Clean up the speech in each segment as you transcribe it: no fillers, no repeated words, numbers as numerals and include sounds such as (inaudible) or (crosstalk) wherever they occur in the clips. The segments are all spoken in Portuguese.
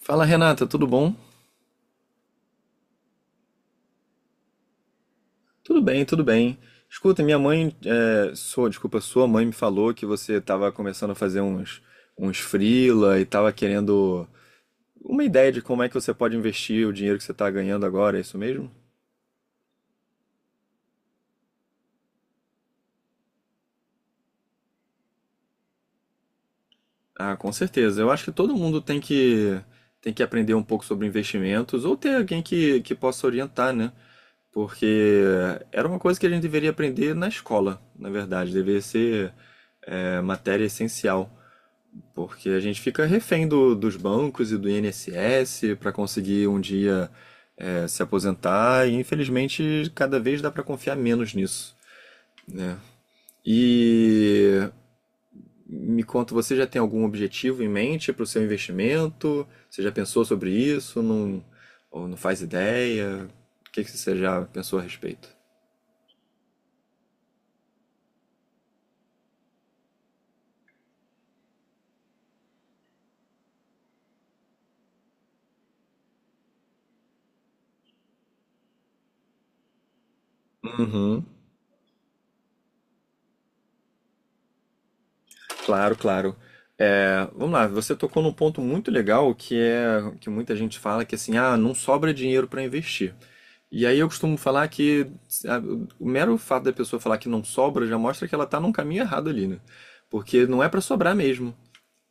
Fala Renata, tudo bom? Tudo bem, tudo bem. Escuta, minha mãe, sua, desculpa, sua mãe me falou que você estava começando a fazer uns freela e estava querendo uma ideia de como é que você pode investir o dinheiro que você está ganhando agora, é isso mesmo? Ah, com certeza. Eu acho que todo mundo tem que aprender um pouco sobre investimentos ou ter alguém que possa orientar, né? Porque era uma coisa que a gente deveria aprender na escola, na verdade, deveria ser matéria essencial. Porque a gente fica refém dos bancos e do INSS para conseguir um dia se aposentar, e infelizmente cada vez dá para confiar menos nisso, né? E me conta, você já tem algum objetivo em mente para o seu investimento? Você já pensou sobre isso? Não, ou não faz ideia? O que que você já pensou a respeito? Uhum. Claro, claro. É, vamos lá, você tocou num ponto muito legal que é que muita gente fala que assim, ah, não sobra dinheiro para investir. E aí eu costumo falar que ah, o mero fato da pessoa falar que não sobra já mostra que ela tá num caminho errado ali, né? Porque não é para sobrar mesmo,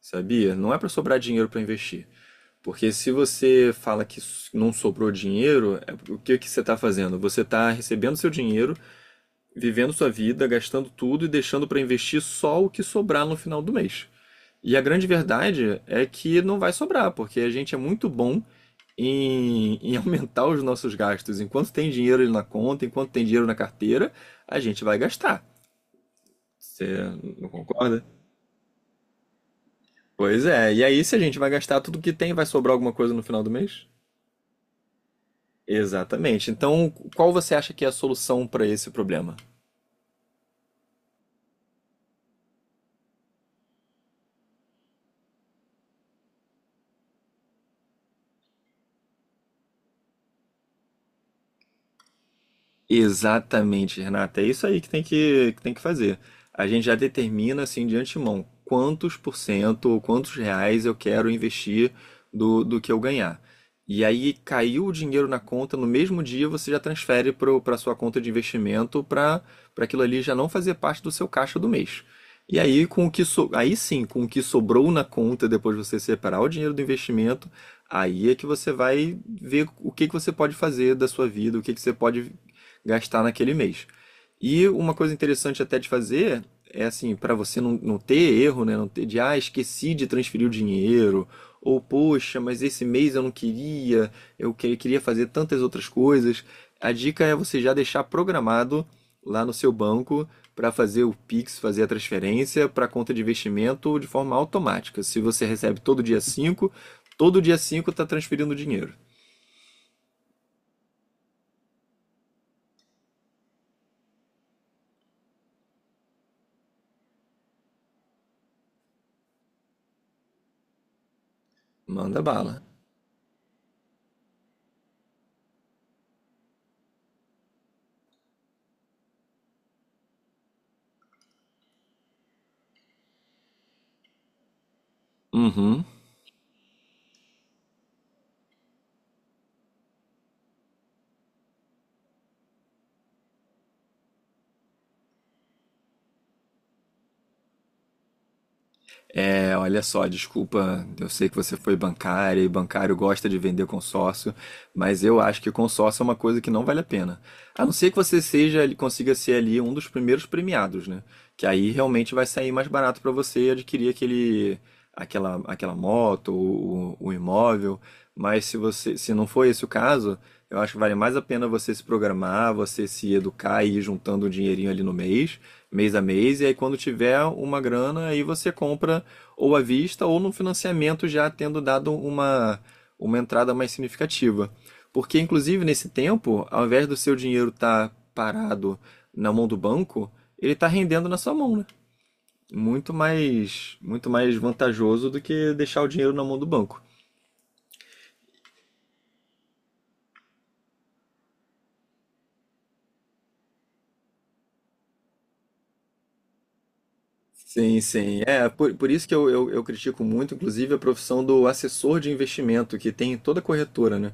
sabia? Não é para sobrar dinheiro para investir. Porque se você fala que não sobrou dinheiro, o que que você está fazendo? Você está recebendo seu dinheiro, vivendo sua vida, gastando tudo e deixando para investir só o que sobrar no final do mês. E a grande verdade é que não vai sobrar, porque a gente é muito bom (laughs) em aumentar os nossos gastos. Enquanto tem dinheiro na conta, enquanto tem dinheiro na carteira, a gente vai gastar. Você não concorda? Pois é. E aí, se a gente vai gastar tudo que tem, vai sobrar alguma coisa no final do mês? Exatamente. Então, qual você acha que é a solução para esse problema? Exatamente, Renata. É isso aí que tem que tem que fazer. A gente já determina assim de antemão quantos por cento ou quantos reais eu quero investir do que eu ganhar. E aí caiu o dinheiro na conta, no mesmo dia você já transfere para a sua conta de investimento para aquilo ali já não fazer parte do seu caixa do mês. E aí com o que so, aí sim, com o que sobrou na conta depois de você separar o dinheiro do investimento, aí é que você vai ver o que que você pode fazer da sua vida, o que que você pode gastar naquele mês. E uma coisa interessante até de fazer é assim, para você não ter erro, né? Não ter de, ah, esqueci de transferir o dinheiro, ou poxa, mas esse mês eu não queria, eu queria fazer tantas outras coisas. A dica é você já deixar programado lá no seu banco para fazer o Pix, fazer a transferência para a conta de investimento de forma automática. Se você recebe todo dia cinco, todo dia 5 está transferindo dinheiro. Manda bala. Uhum. É, olha só, desculpa, eu sei que você foi bancária e bancário gosta de vender consórcio, mas eu acho que consórcio é uma coisa que não vale a pena. A não ser que você seja, ele consiga ser ali um dos primeiros premiados, né? Que aí realmente vai sair mais barato para você adquirir aquela moto, ou o imóvel. Mas se você, se não for esse o caso, eu acho que vale mais a pena você se programar, você se educar e ir juntando um dinheirinho ali no mês, mês a mês, e aí quando tiver uma grana, aí você compra ou à vista ou no financiamento já tendo dado uma entrada mais significativa. Porque, inclusive, nesse tempo, ao invés do seu dinheiro estar parado na mão do banco, ele está rendendo na sua mão, né? Muito mais vantajoso do que deixar o dinheiro na mão do banco. Sim, sim. É, por isso que eu critico muito, inclusive, a profissão do assessor de investimento, que tem em toda corretora, né?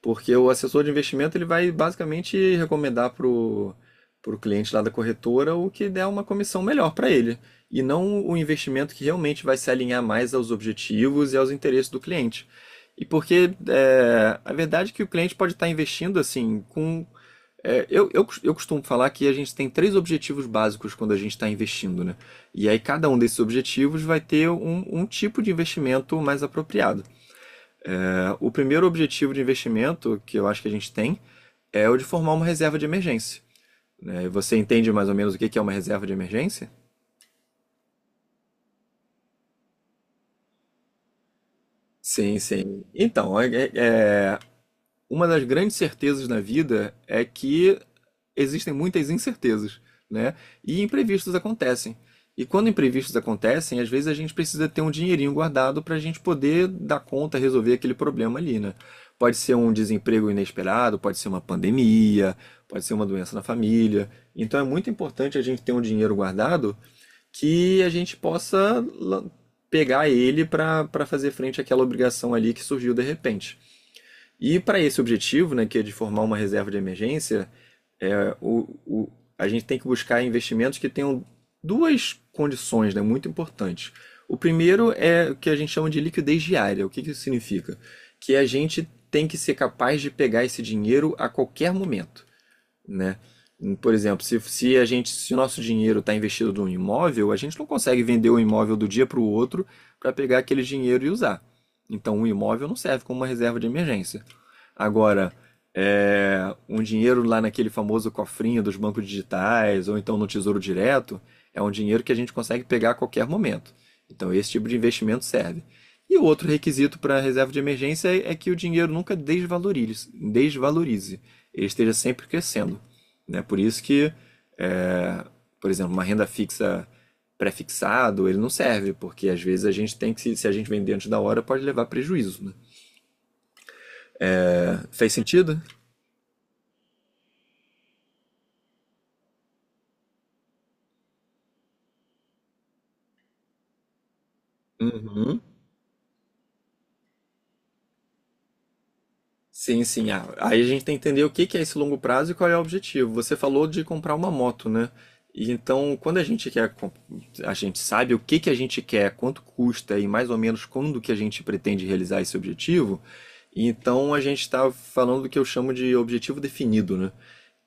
Porque o assessor de investimento ele vai basicamente recomendar pro cliente lá da corretora o que der uma comissão melhor para ele, e não o investimento que realmente vai se alinhar mais aos objetivos e aos interesses do cliente. E porque é, a verdade é que o cliente pode estar investindo assim com é, eu, cos- eu costumo falar que a gente tem três objetivos básicos quando a gente está investindo, né? E aí cada um desses objetivos vai ter um tipo de investimento mais apropriado. É, o primeiro objetivo de investimento que eu acho que a gente tem é o de formar uma reserva de emergência, né? Você entende mais ou menos o que que é uma reserva de emergência? Sim, sim. Então, uma das grandes certezas na vida é que existem muitas incertezas, né? E imprevistos acontecem. E quando imprevistos acontecem, às vezes a gente precisa ter um dinheirinho guardado para a gente poder dar conta, resolver aquele problema ali, né? Pode ser um desemprego inesperado, pode ser uma pandemia, pode ser uma doença na família. Então é muito importante a gente ter um dinheiro guardado que a gente pegar ele para fazer frente àquela obrigação ali que surgiu de repente. E para esse objetivo, né, que é de formar uma reserva de emergência, o, o- a gente tem que buscar investimentos que tenham duas condições, né, muito importantes. O primeiro é o que a gente chama de liquidez diária. O que que isso significa? Que a gente tem que ser capaz de pegar esse dinheiro a qualquer momento, né? Por exemplo, se a gente, se o nosso dinheiro está investido num imóvel, a gente não consegue vender o imóvel do dia para o outro para pegar aquele dinheiro e usar. Então, um imóvel não serve como uma reserva de emergência. Agora, um dinheiro lá naquele famoso cofrinho dos bancos digitais ou então no Tesouro Direto é um dinheiro que a gente consegue pegar a qualquer momento. Então, esse tipo de investimento serve. E o outro requisito para a reserva de emergência é que o dinheiro nunca desvalorize, ele esteja sempre crescendo. Né? Por isso que, é, por exemplo, uma renda fixa pré-fixado, ele não serve, porque às vezes a gente tem que, se a gente vender antes da hora, pode levar prejuízo, né? Fez sentido? Uhum. Sim, sim. Ah, aí a gente tem que entender o que que é esse longo prazo e qual é o objetivo. Você falou de comprar uma moto, né? E então, quando a gente a gente sabe o que que a gente quer, quanto custa e mais ou menos quando que a gente pretende realizar esse objetivo, então a gente está falando do que eu chamo de objetivo definido, né?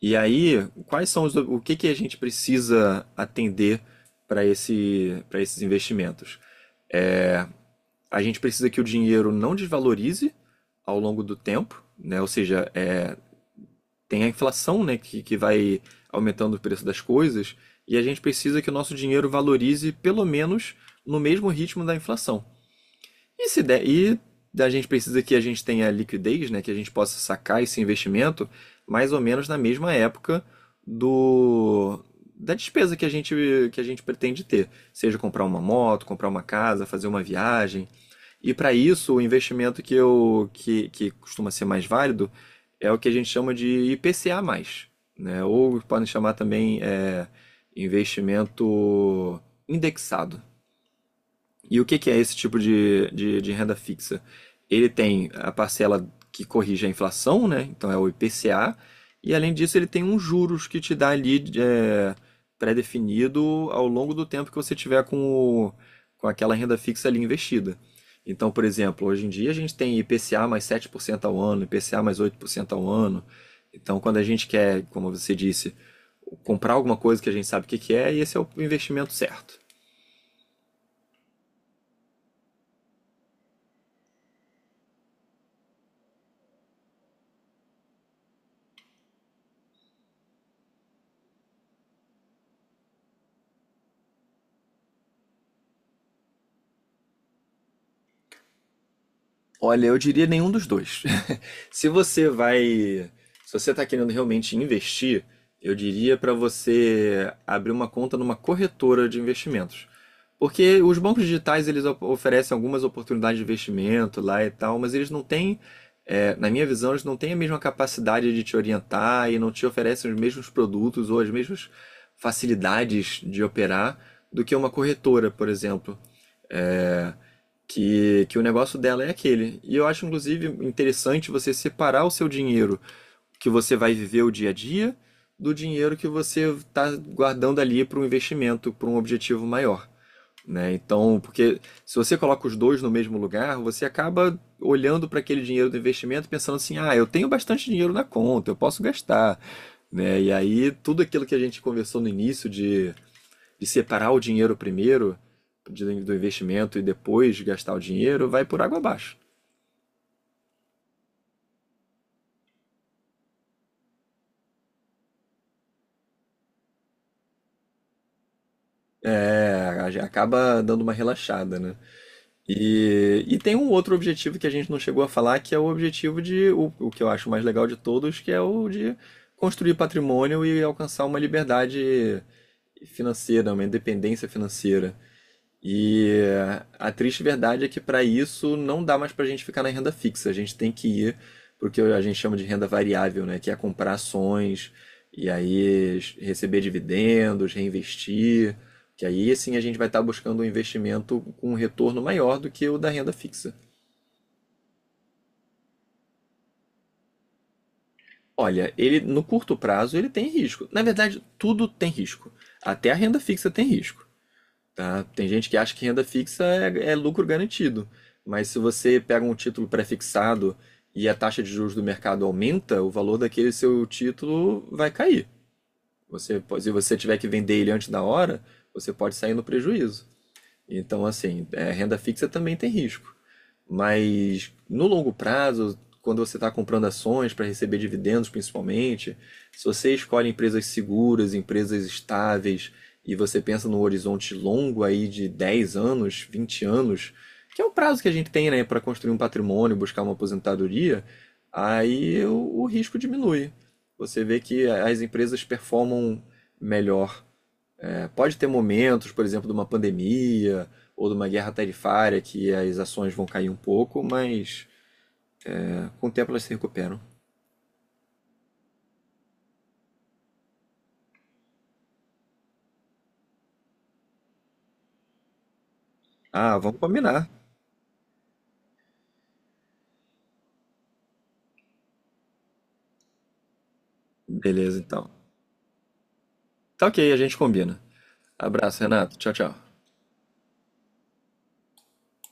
E aí, quais são o que que a gente precisa atender para esse, para esses investimentos? A gente precisa que o dinheiro não desvalorize ao longo do tempo, né? Ou seja, tem a inflação, né, que vai aumentando o preço das coisas, e a gente precisa que o nosso dinheiro valorize pelo menos no mesmo ritmo da inflação. E se der, e a gente precisa que a gente tenha liquidez, né, que a gente possa sacar esse investimento mais ou menos na mesma época do da despesa que a gente pretende ter, seja comprar uma moto, comprar uma casa, fazer uma viagem. E para isso, o investimento que costuma ser mais válido é o que a gente chama de IPCA+, né? Ou podem chamar também investimento indexado. E o que que é esse tipo de renda fixa? Ele tem a parcela que corrige a inflação, né? Então é o IPCA, e além disso ele tem uns juros que te dá ali pré-definido ao longo do tempo que você tiver o- com aquela renda fixa ali investida. Então, por exemplo, hoje em dia a gente tem IPCA mais 7% ao ano, IPCA mais 8% ao ano. Então, quando a gente quer, como você disse, comprar alguma coisa que a gente sabe o que que é, esse é o investimento certo. Olha, eu diria nenhum dos dois. (laughs) Se você vai, se você está querendo realmente investir, eu diria para você abrir uma conta numa corretora de investimentos. Porque os bancos digitais eles oferecem algumas oportunidades de investimento lá e tal, mas eles não têm, na minha visão, eles não têm a mesma capacidade de te orientar e não te oferecem os mesmos produtos ou as mesmas facilidades de operar do que uma corretora, por exemplo. É, que o negócio dela é aquele. E eu acho, inclusive, interessante você separar o seu dinheiro que você vai viver o dia a dia do dinheiro que você está guardando ali para um investimento, para um objetivo maior. Né? Então, porque se você coloca os dois no mesmo lugar, você acaba olhando para aquele dinheiro do investimento pensando assim: ah, eu tenho bastante dinheiro na conta, eu posso gastar. Né? E aí, tudo aquilo que a gente conversou no início de separar o dinheiro primeiro do investimento e depois gastar o dinheiro, vai por água abaixo. É, acaba dando uma relaxada, né? E tem um outro objetivo que a gente não chegou a falar, que é o objetivo de, o que eu acho mais legal de todos, que é o de construir patrimônio e alcançar uma liberdade financeira, uma independência financeira. E a triste verdade é que para isso não dá mais para a gente ficar na renda fixa. A gente tem que ir para o que a gente chama de renda variável, né? Que é comprar ações e aí receber dividendos, reinvestir. Que aí sim a gente vai estar buscando um investimento com um retorno maior do que o da renda fixa. Olha, ele no curto prazo ele tem risco. Na verdade, tudo tem risco. Até a renda fixa tem risco. Tá? Tem gente que acha que renda fixa é lucro garantido, mas se você pega um título pré-fixado e a taxa de juros do mercado aumenta, o valor daquele seu título vai cair. Se você tiver que vender ele antes da hora, você pode sair no prejuízo. Então, assim, renda fixa também tem risco. Mas no longo prazo, quando você está comprando ações para receber dividendos, principalmente, se você escolhe empresas seguras, empresas estáveis, e você pensa num horizonte longo aí de 10 anos, 20 anos, que é o prazo que a gente tem, né, para construir um patrimônio, buscar uma aposentadoria, aí o risco diminui. Você vê que as empresas performam melhor. Pode ter momentos, por exemplo, de uma pandemia ou de uma guerra tarifária que as ações vão cair um pouco, mas com o tempo elas se recuperam. Ah, vamos combinar. Beleza, então. Tá ok, a gente combina. Abraço, Renato. Tchau, tchau.